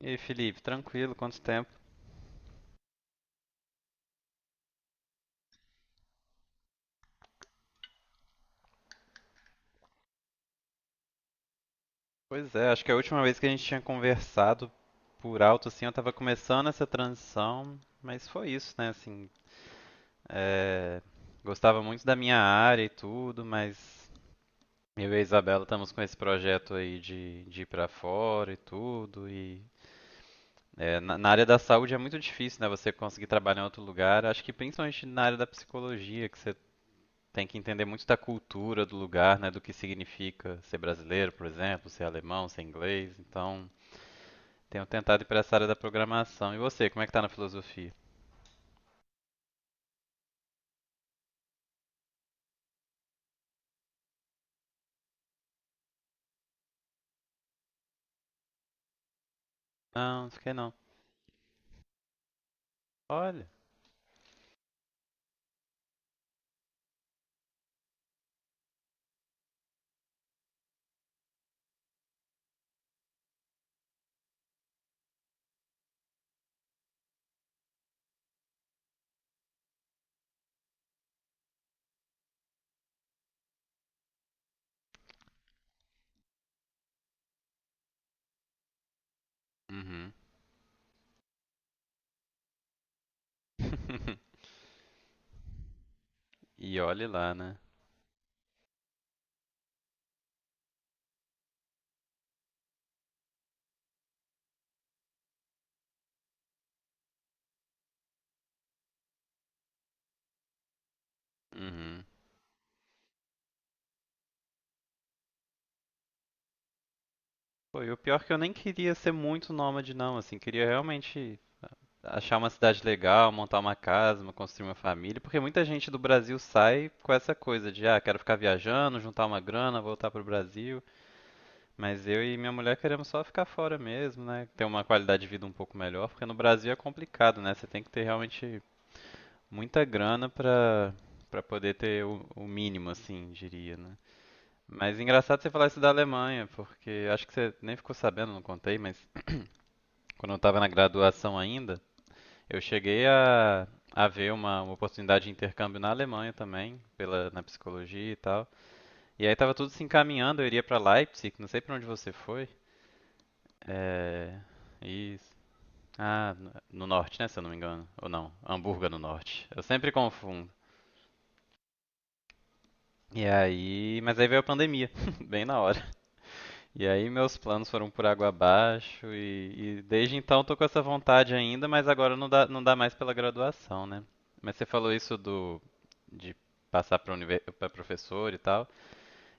E aí, Felipe, tranquilo, quanto tempo? Pois é, acho que a última vez que a gente tinha conversado por alto, assim, eu tava começando essa transição, mas foi isso, né, assim, é, gostava muito da minha área e tudo, mas eu e a Isabela estamos com esse projeto aí de ir pra fora e tudo, e é, na área da saúde é muito difícil, né, você conseguir trabalhar em outro lugar, acho que principalmente na área da psicologia, que tem que entender muito da cultura do lugar, né? Do que significa ser brasileiro, por exemplo, ser alemão, ser inglês. Então, tenho tentado ir para essa área da programação. E você, como é que tá na filosofia? Não, não sei não. Olha. Uhum. E olhe lá, né? Uhum. Pô, e o pior é que eu nem queria ser muito nômade, não, assim, queria realmente achar uma cidade legal, montar uma casa, construir uma família, porque muita gente do Brasil sai com essa coisa de, ah, quero ficar viajando, juntar uma grana, voltar pro Brasil. Mas eu e minha mulher queremos só ficar fora mesmo, né? Ter uma qualidade de vida um pouco melhor, porque no Brasil é complicado, né? Você tem que ter realmente muita grana pra poder ter o mínimo, assim, diria, né? Mas engraçado você falar isso da Alemanha, porque acho que você nem ficou sabendo, não contei, mas quando eu estava na graduação ainda, eu cheguei a ver uma oportunidade de intercâmbio na Alemanha também, na psicologia e tal. E aí tava tudo se encaminhando, eu iria para Leipzig, não sei para onde você foi. É, e Ah, no norte, né? Se eu não me engano. Ou não, Hamburgo é no norte. Eu sempre confundo. E aí, mas aí veio a pandemia, bem na hora. E aí meus planos foram por água abaixo e desde então tô com essa vontade ainda, mas agora não dá, não dá mais pela graduação, né? Mas você falou isso do de passar para univer... para professor e tal.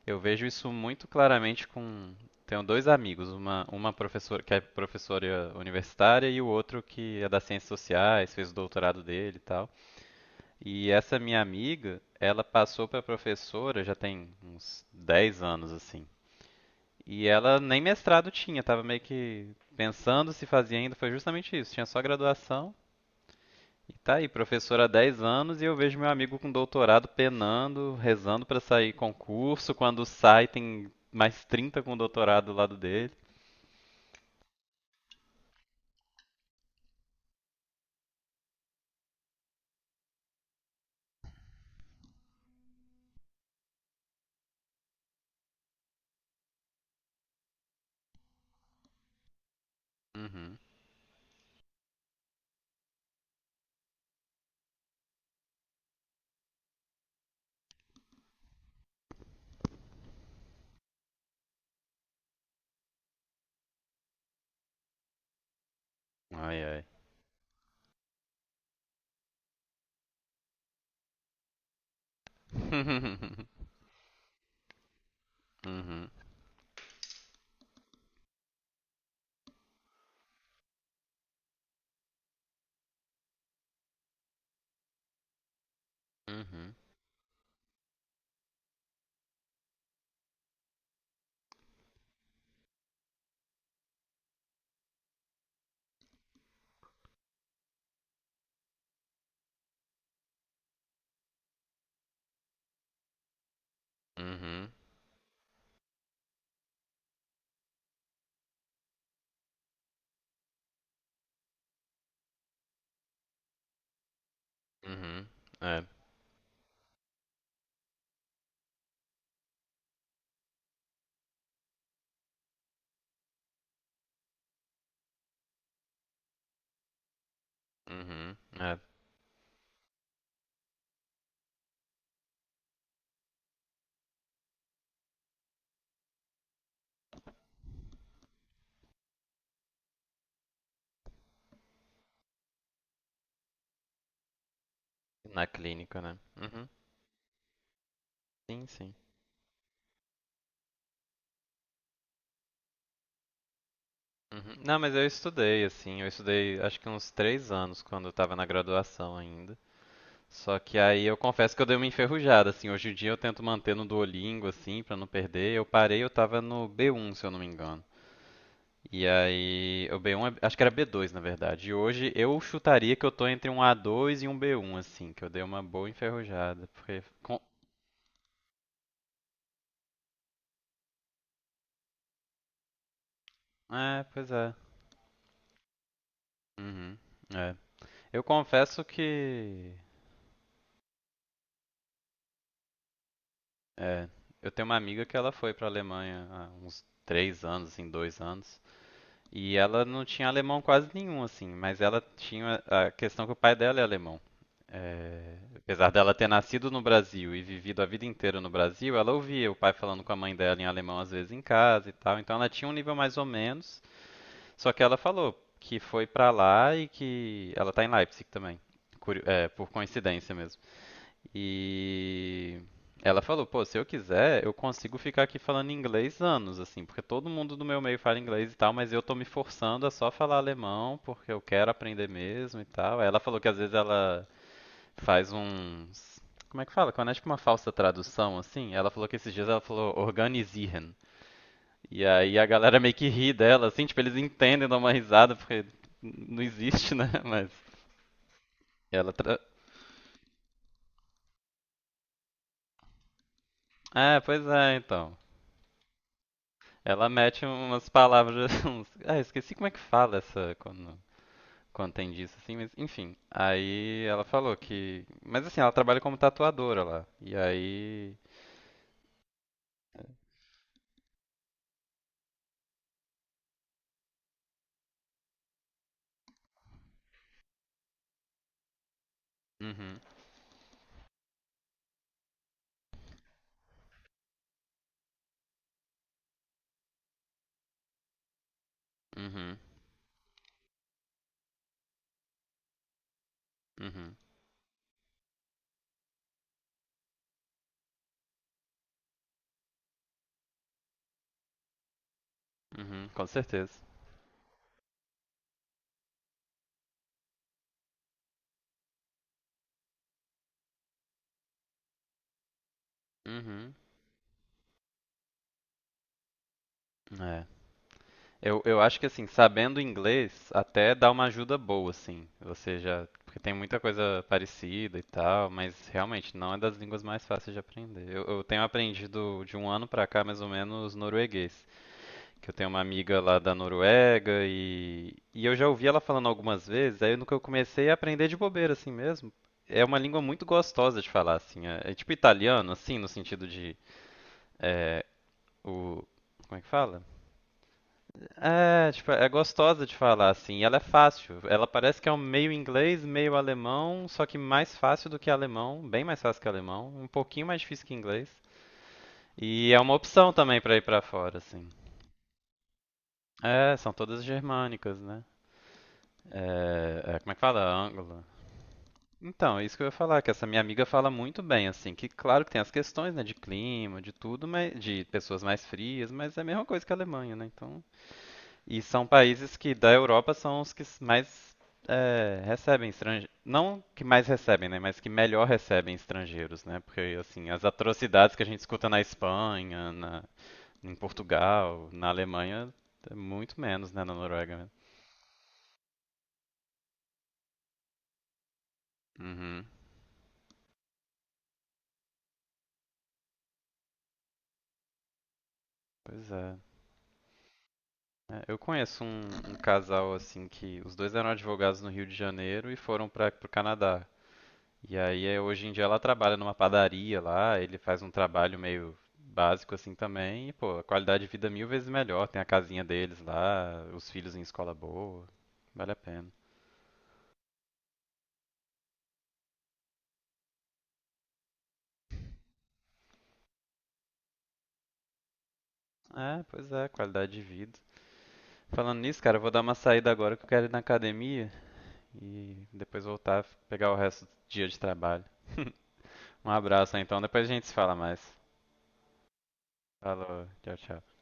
Eu vejo isso muito claramente com tenho dois amigos, uma professora que é professora universitária e o outro que é das ciências sociais, fez o doutorado dele e tal. E essa minha amiga, ela passou para professora já tem uns 10 anos assim. E ela nem mestrado tinha, tava meio que pensando se fazia ainda, foi justamente isso, tinha só graduação. E tá aí, professora há 10 anos e eu vejo meu amigo com doutorado penando, rezando para sair concurso, quando sai tem mais trinta com doutorado do lado dele. Uhum. Ai, ai. Uhum. Uhum. Uhum. Uhum. É. Uhum. É. Na clínica, né? Uhum. Sim, sim. Uhum. Não, mas eu estudei, assim, eu estudei acho que uns 3 anos quando eu tava na graduação ainda. Só que aí eu confesso que eu dei uma enferrujada, assim, hoje em dia eu tento manter no Duolingo, assim, pra não perder. Eu parei, eu tava no B1, se eu não me engano. E aí, o B1, acho que era B2, na verdade. E hoje eu chutaria que eu tô entre um A2 e um B1, assim, que eu dei uma boa enferrujada, porque... é, pois é. Uhum. É. Eu confesso que É, eu tenho uma amiga que ela foi pra Alemanha há uns 3 anos, assim, 2 anos, e ela não tinha alemão quase nenhum, assim, mas ela tinha a questão que o pai dela é alemão. É, apesar dela ter nascido no Brasil e vivido a vida inteira no Brasil, ela ouvia o pai falando com a mãe dela em alemão às vezes em casa e tal, então ela tinha um nível mais ou menos, só que ela falou que foi pra lá e que ela tá em Leipzig também, por coincidência mesmo. E ela falou, pô, se eu quiser, eu consigo ficar aqui falando inglês anos, assim, porque todo mundo do meu meio fala inglês e tal, mas eu tô me forçando a só falar alemão, porque eu quero aprender mesmo e tal. Aí ela falou que às vezes ela faz uns. Como é que fala? Quando é tipo uma falsa tradução, assim, ela falou que esses dias ela falou organisieren. E aí a galera meio que ri dela, assim, tipo, eles entendem, dão uma risada, porque não existe, né? Mas ela. Tra... ah, pois é, então. Ela mete umas palavras. Ah, esqueci como é que fala essa quando tem disso, assim, mas enfim. Aí ela falou que. Mas assim, ela trabalha como tatuadora lá. E aí. Uhum, uhum, uhum, uhum, com certeza. Uhum. É. Eu acho que assim, sabendo inglês até dá uma ajuda boa, assim. Você já. Porque tem muita coisa parecida e tal, mas realmente não é das línguas mais fáceis de aprender. Eu tenho aprendido de 1 ano pra cá, mais ou menos, norueguês. Que eu tenho uma amiga lá da Noruega e eu já ouvi ela falando algumas vezes, aí no que eu comecei a aprender de bobeira assim mesmo. É uma língua muito gostosa de falar, assim. É tipo italiano, assim, no sentido de. é, o, como é que fala? É, tipo, é gostosa de falar, assim. E ela é fácil. Ela parece que é um meio inglês, meio alemão, só que mais fácil do que alemão, bem mais fácil que alemão, um pouquinho mais difícil que inglês. E é uma opção também pra ir pra fora, assim. É, são todas germânicas, né? Como é que fala? Ângulo. Então, é isso que eu ia falar, que essa minha amiga fala muito bem, assim, que claro que tem as questões, né, de clima, de tudo, mas, de pessoas mais frias, mas é a mesma coisa que a Alemanha, né, então... E são países que da Europa são os que mais é, recebem estrangeiros, não que mais recebem, né, mas que melhor recebem estrangeiros, né, porque, assim, as atrocidades que a gente escuta na Espanha, em Portugal, na Alemanha, é muito menos, né, na Noruega. Mesmo. Uhum, pois é. É, eu conheço um casal assim que os dois eram advogados no Rio de Janeiro e foram para o Canadá. E aí é, hoje em dia ela trabalha numa padaria lá, ele faz um trabalho meio básico assim também, e pô, a qualidade de vida é 1.000 vezes melhor, tem a casinha deles lá, os filhos em escola boa, vale a pena. É, pois é, qualidade de vida. Falando nisso, cara, eu vou dar uma saída agora que eu quero ir na academia e depois voltar, pegar o resto do dia de trabalho. Um abraço, então, depois a gente se fala mais. Falou, tchau, tchau.